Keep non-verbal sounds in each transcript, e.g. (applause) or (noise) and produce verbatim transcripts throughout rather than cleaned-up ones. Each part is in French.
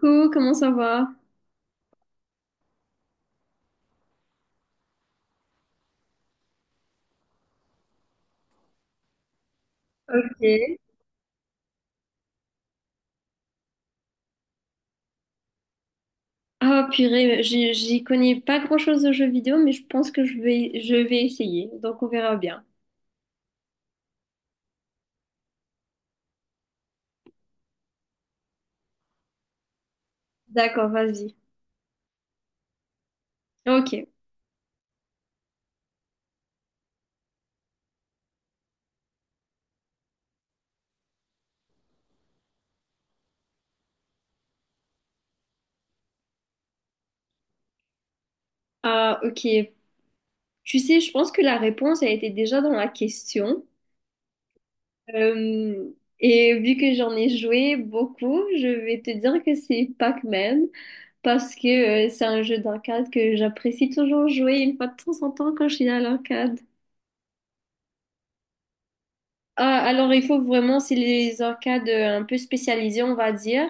Coucou, comment ça va? Ok. Ah purée, j'y j'y connais pas grand-chose aux jeux vidéo, mais je pense que je vais, je vais essayer, donc on verra bien. D'accord, vas-y. Ok, ah, ok. Tu sais, je pense que la réponse a été déjà dans la question. Euh, et vu que j'en ai joué beaucoup, je vais te dire que c'est Pac-Man, parce que euh, c'est un jeu d'arcade que j'apprécie toujours jouer une fois de temps en temps quand je suis à l'arcade. Ah, alors il faut vraiment, c'est les arcades euh, un peu spécialisées, on va dire.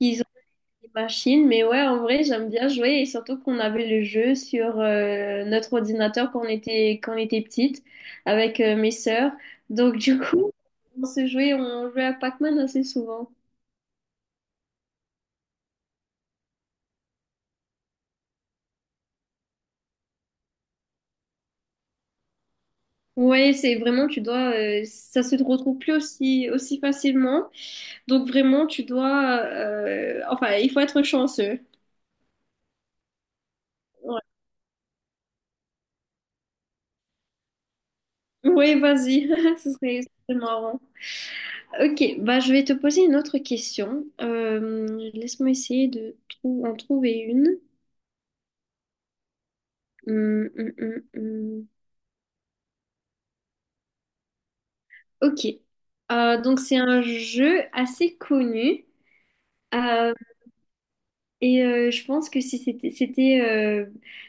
Ils ont des machines, mais ouais, en vrai, j'aime bien jouer et surtout qu'on avait le jeu sur euh, notre ordinateur quand on était, quand on était petite avec euh, mes sœurs. Donc du coup, on se jouait, on jouait à Pac-Man assez souvent. Ouais, c'est vraiment, tu dois, euh, ça se retrouve plus aussi, aussi facilement. Donc vraiment, tu dois, euh, enfin, il faut être chanceux. Ouais, ouais, vas-y, (laughs) ce serait ce serait marrant. Ok, bah, je vais te poser une autre question. Euh, laisse-moi essayer de trou- en trouver une. Hum, hum, hum, hum. Ok. Euh, donc c'est un jeu assez connu. Euh, et euh, je pense que si c'était, c'était, euh,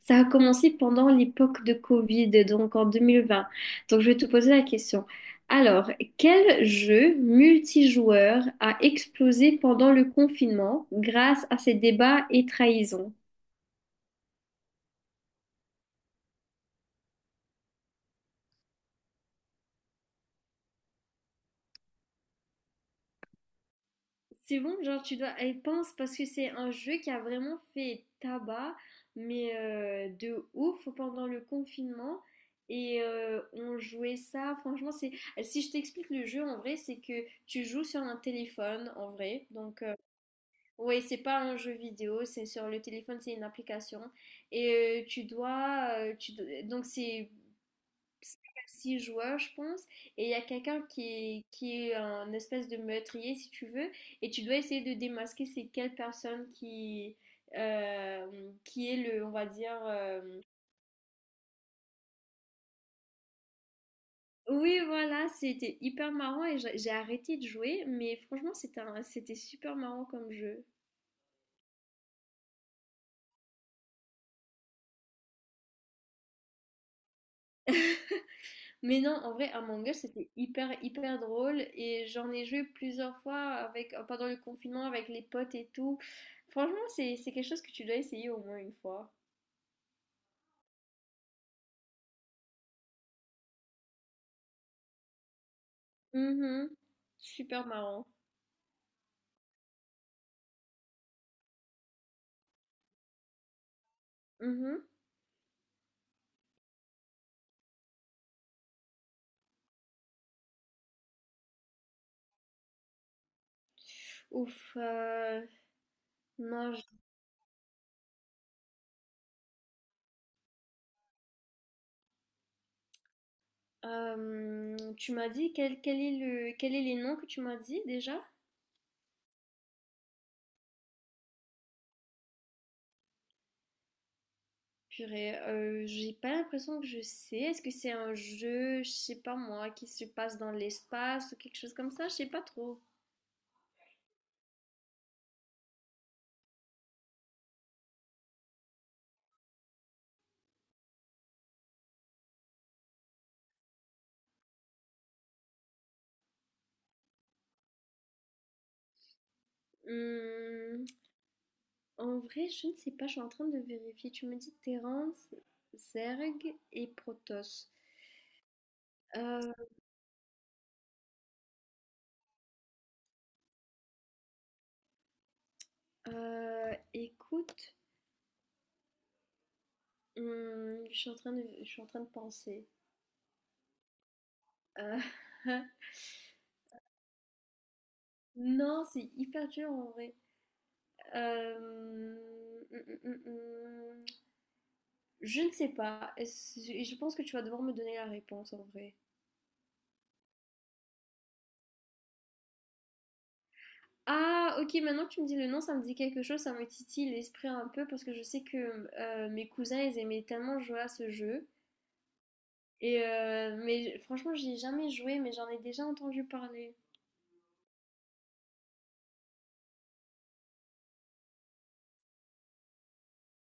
ça a commencé pendant l'époque de Covid, donc en deux mille vingt. Donc je vais te poser la question. Alors, quel jeu multijoueur a explosé pendant le confinement grâce à ses débats et trahisons? C'est bon, genre tu dois. Elle pense parce que c'est un jeu qui a vraiment fait tabac, mais euh, de ouf pendant le confinement. Et euh, on jouait ça, franchement, c'est. Si je t'explique le jeu en vrai, c'est que tu joues sur un téléphone en vrai. Donc, euh, ouais, c'est pas un jeu vidéo, c'est sur le téléphone, c'est une application. Et euh, tu dois. Euh, tu... do- donc, c'est six joueurs, je pense, et il y a quelqu'un qui est, qui est un espèce de meurtrier, si tu veux, et tu dois essayer de démasquer c'est quelle personne qui, euh, qui est le, on va dire... euh, Oui, voilà, c'était hyper marrant et j'ai j'ai arrêté de jouer, mais franchement, c'était un- c'était super marrant comme jeu. Mais non, en vrai, Among Us, c'était hyper, hyper drôle et j'en ai joué plusieurs fois avec, pendant le confinement avec les potes et tout. Franchement, c'est c'est quelque chose que tu dois essayer au moins une fois. Mmh. Super marrant. Mmh. Ouf, heu, non j hem, tu m'as dit quel quel est le quel est les noms que tu m'as dit déjà? Purée, heu, j'ai pas l'impression que je sais. Est-ce que c'est un jeu, je sais pas moi, qui se passe dans l'espace ou quelque chose comme ça? Je sais pas trop. Mmh, En vrai, je ne sais pas, je suis en train de vérifier. Tu me dis Terence, Zerg et Protoss. Heu heu, Écoute. Mmh, je suis en train de, je suis en train de penser. Euh, (laughs) non, c'est hyper dur en vrai. Euh, mm, mm, mm. Je ne sais pas. Est-ce- Je pense que tu vas devoir me donner la réponse en vrai. Ah, ok, maintenant que tu me dis le nom, ça me dit quelque chose, ça me titille l'esprit un peu parce que je sais que euh, mes cousins, ils aimaient tellement jouer à ce jeu. Et euh, mais franchement, j'y ai jamais joué, mais j'en ai déjà entendu parler.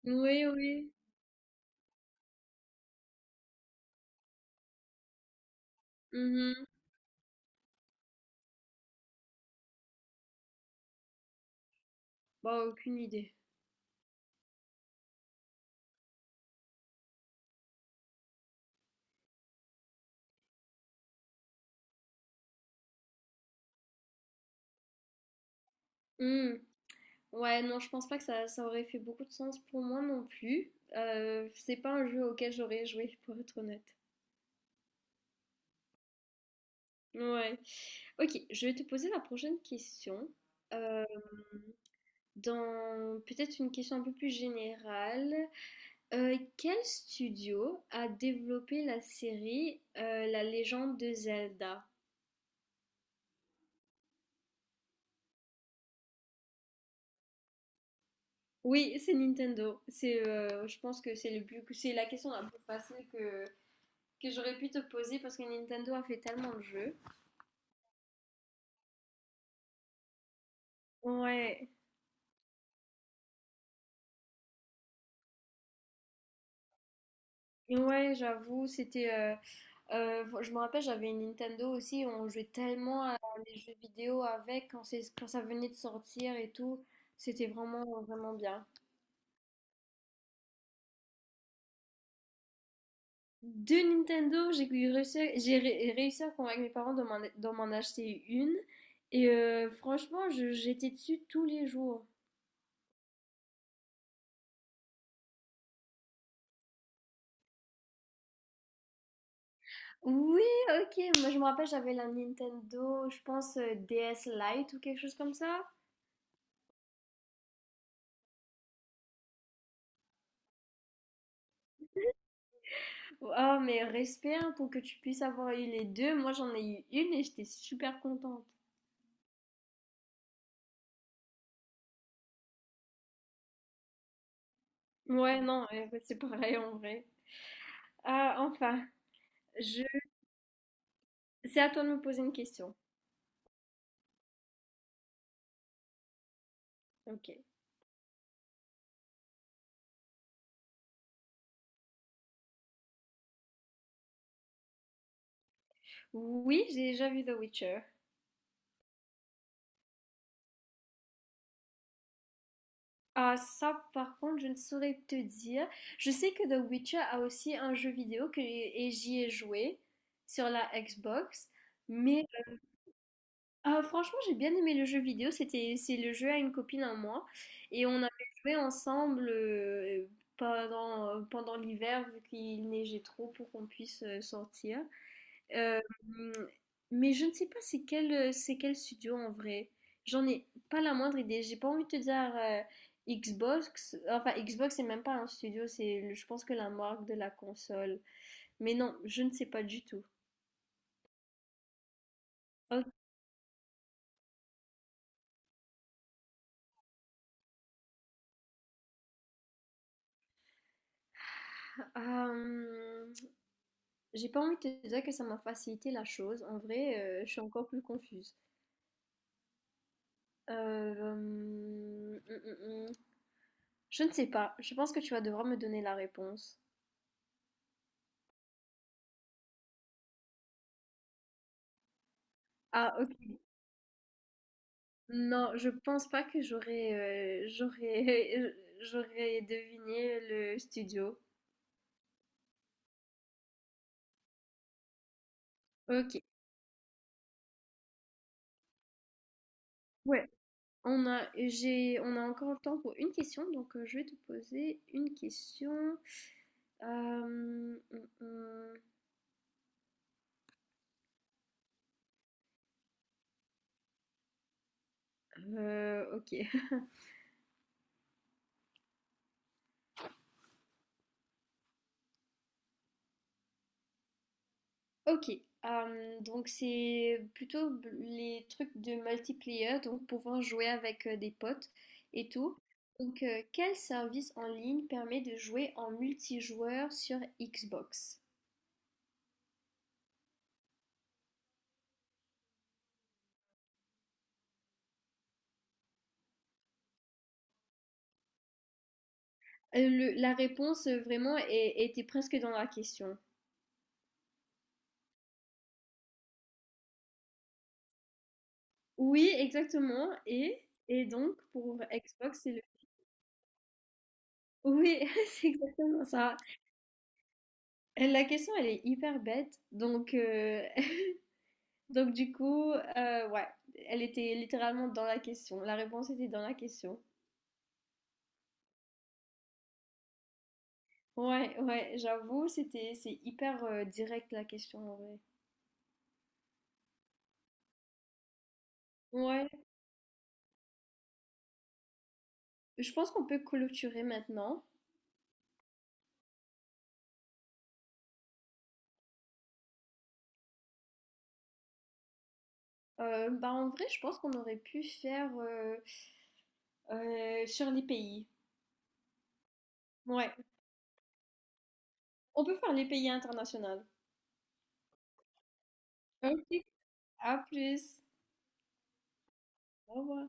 Oui, oui. Mhm. Bah, aucune idée. Hmm. Ouais, non, je pense pas que ça, ça aurait fait beaucoup de sens pour moi non plus. Euh, c'est pas un jeu auquel j'aurais joué, (laughs) pour être honnête. Ouais. Ok, je vais te poser la prochaine question. Dans peut-être une question un peu plus générale, Euh, quel studio a développé la série euh, La légende de Zelda? Oui, c'est Nintendo. C'est, euh, je pense que c'est le plus, c'est la question la plus facile que, que j'aurais pu te poser parce que Nintendo a fait tellement de jeux. Ouais. Ouais, j'avoue, c'était. Euh, euh, je me rappelle, j'avais une Nintendo aussi, on jouait tellement à des jeux vidéo avec quand c'est, quand ça venait de sortir et tout. C'était vraiment, vraiment bien. Deux Nintendo, j'ai eu réussi, j'ai ré- réussi à convaincre mes parents de m'en, de m'en acheter une. Et euh, franchement, je- j'étais dessus tous les jours. Oui, ok, moi je me rappelle, j'avais la Nintendo, je pense euh, D S Lite ou quelque chose comme ça. Oh, mais respect hein, pour que tu puisses avoir eu les deux. Moi, j'en ai eu une et j'étais super contente. Ouais, non, ouais, ouais, c'est pareil en vrai. Ah, enfin, je... c'est à toi de me poser une question. Ok. Oui, j'ai déjà vu The Witcher. Ah, ça, par contre, je ne saurais te dire. Je sais que The Witcher a aussi un jeu vidéo que... et j'y ai joué sur la Xbox, mais Ah, franchement, j'ai bien aimé le jeu vidéo. C'était, c'est le jeu à une copine à moi. Et on avait joué ensemble euh, pendant, euh, pendant l'hiver, vu qu'il neigeait trop pour qu'on puisse euh, sortir. Euh, mais je ne sais pas c'est quel, euh, c'est quel studio en vrai. J'en ai pas la moindre idée. J'ai pas envie de te dire euh, Xbox. Enfin, Xbox, c'est même pas un studio. C'est, le- je pense que la marque de la console. Mais non, je ne sais pas du tout. Ok. Euh, J'ai pas envie de te dire que ça m'a facilité la chose. En vrai, euh, je suis encore plus confuse. Euh, hum, hum, hum. hum. Je ne sais pas. Je pense que tu vas devoir me donner la réponse. Ah, ok. Non, je pense pas que j'aurais euh, j'aurais (laughs) j'aurais deviné le studio. Ok. Ouais. On a j'ai on a encore le temps pour une question, donc euh, je vais te poser une question. Euh, hum, hum. hum. Euh, ok. Ok, euh, donc c'est plutôt b- les trucs de multiplayer, donc pouvant jouer avec euh, des potes et tout. Donc euh, quel service en ligne permet de jouer en multijoueur sur Xbox? Euh, le- la réponse euh, vraiment est- était presque dans la question. Oui, exactement. Et, et donc pour Xbox. c'est le... Oui, (laughs) c'est exactement ça. Euh, La question, elle est hyper bête. Donc, euh, Donc du coup, euh, ouais, elle était littéralement dans la question. La réponse était dans la question. Ouais, ouais, j'avoue, c'était, c'est hyper euh, direct la question en vrai. Ouais, je pense qu'on peut clôturer maintenant. Euh, bah en vrai, je pense qu'on aurait pu faire euh, euh, sur les pays. Ouais, on peut faire les pays internationaux. Ok, à plus. Au revoir.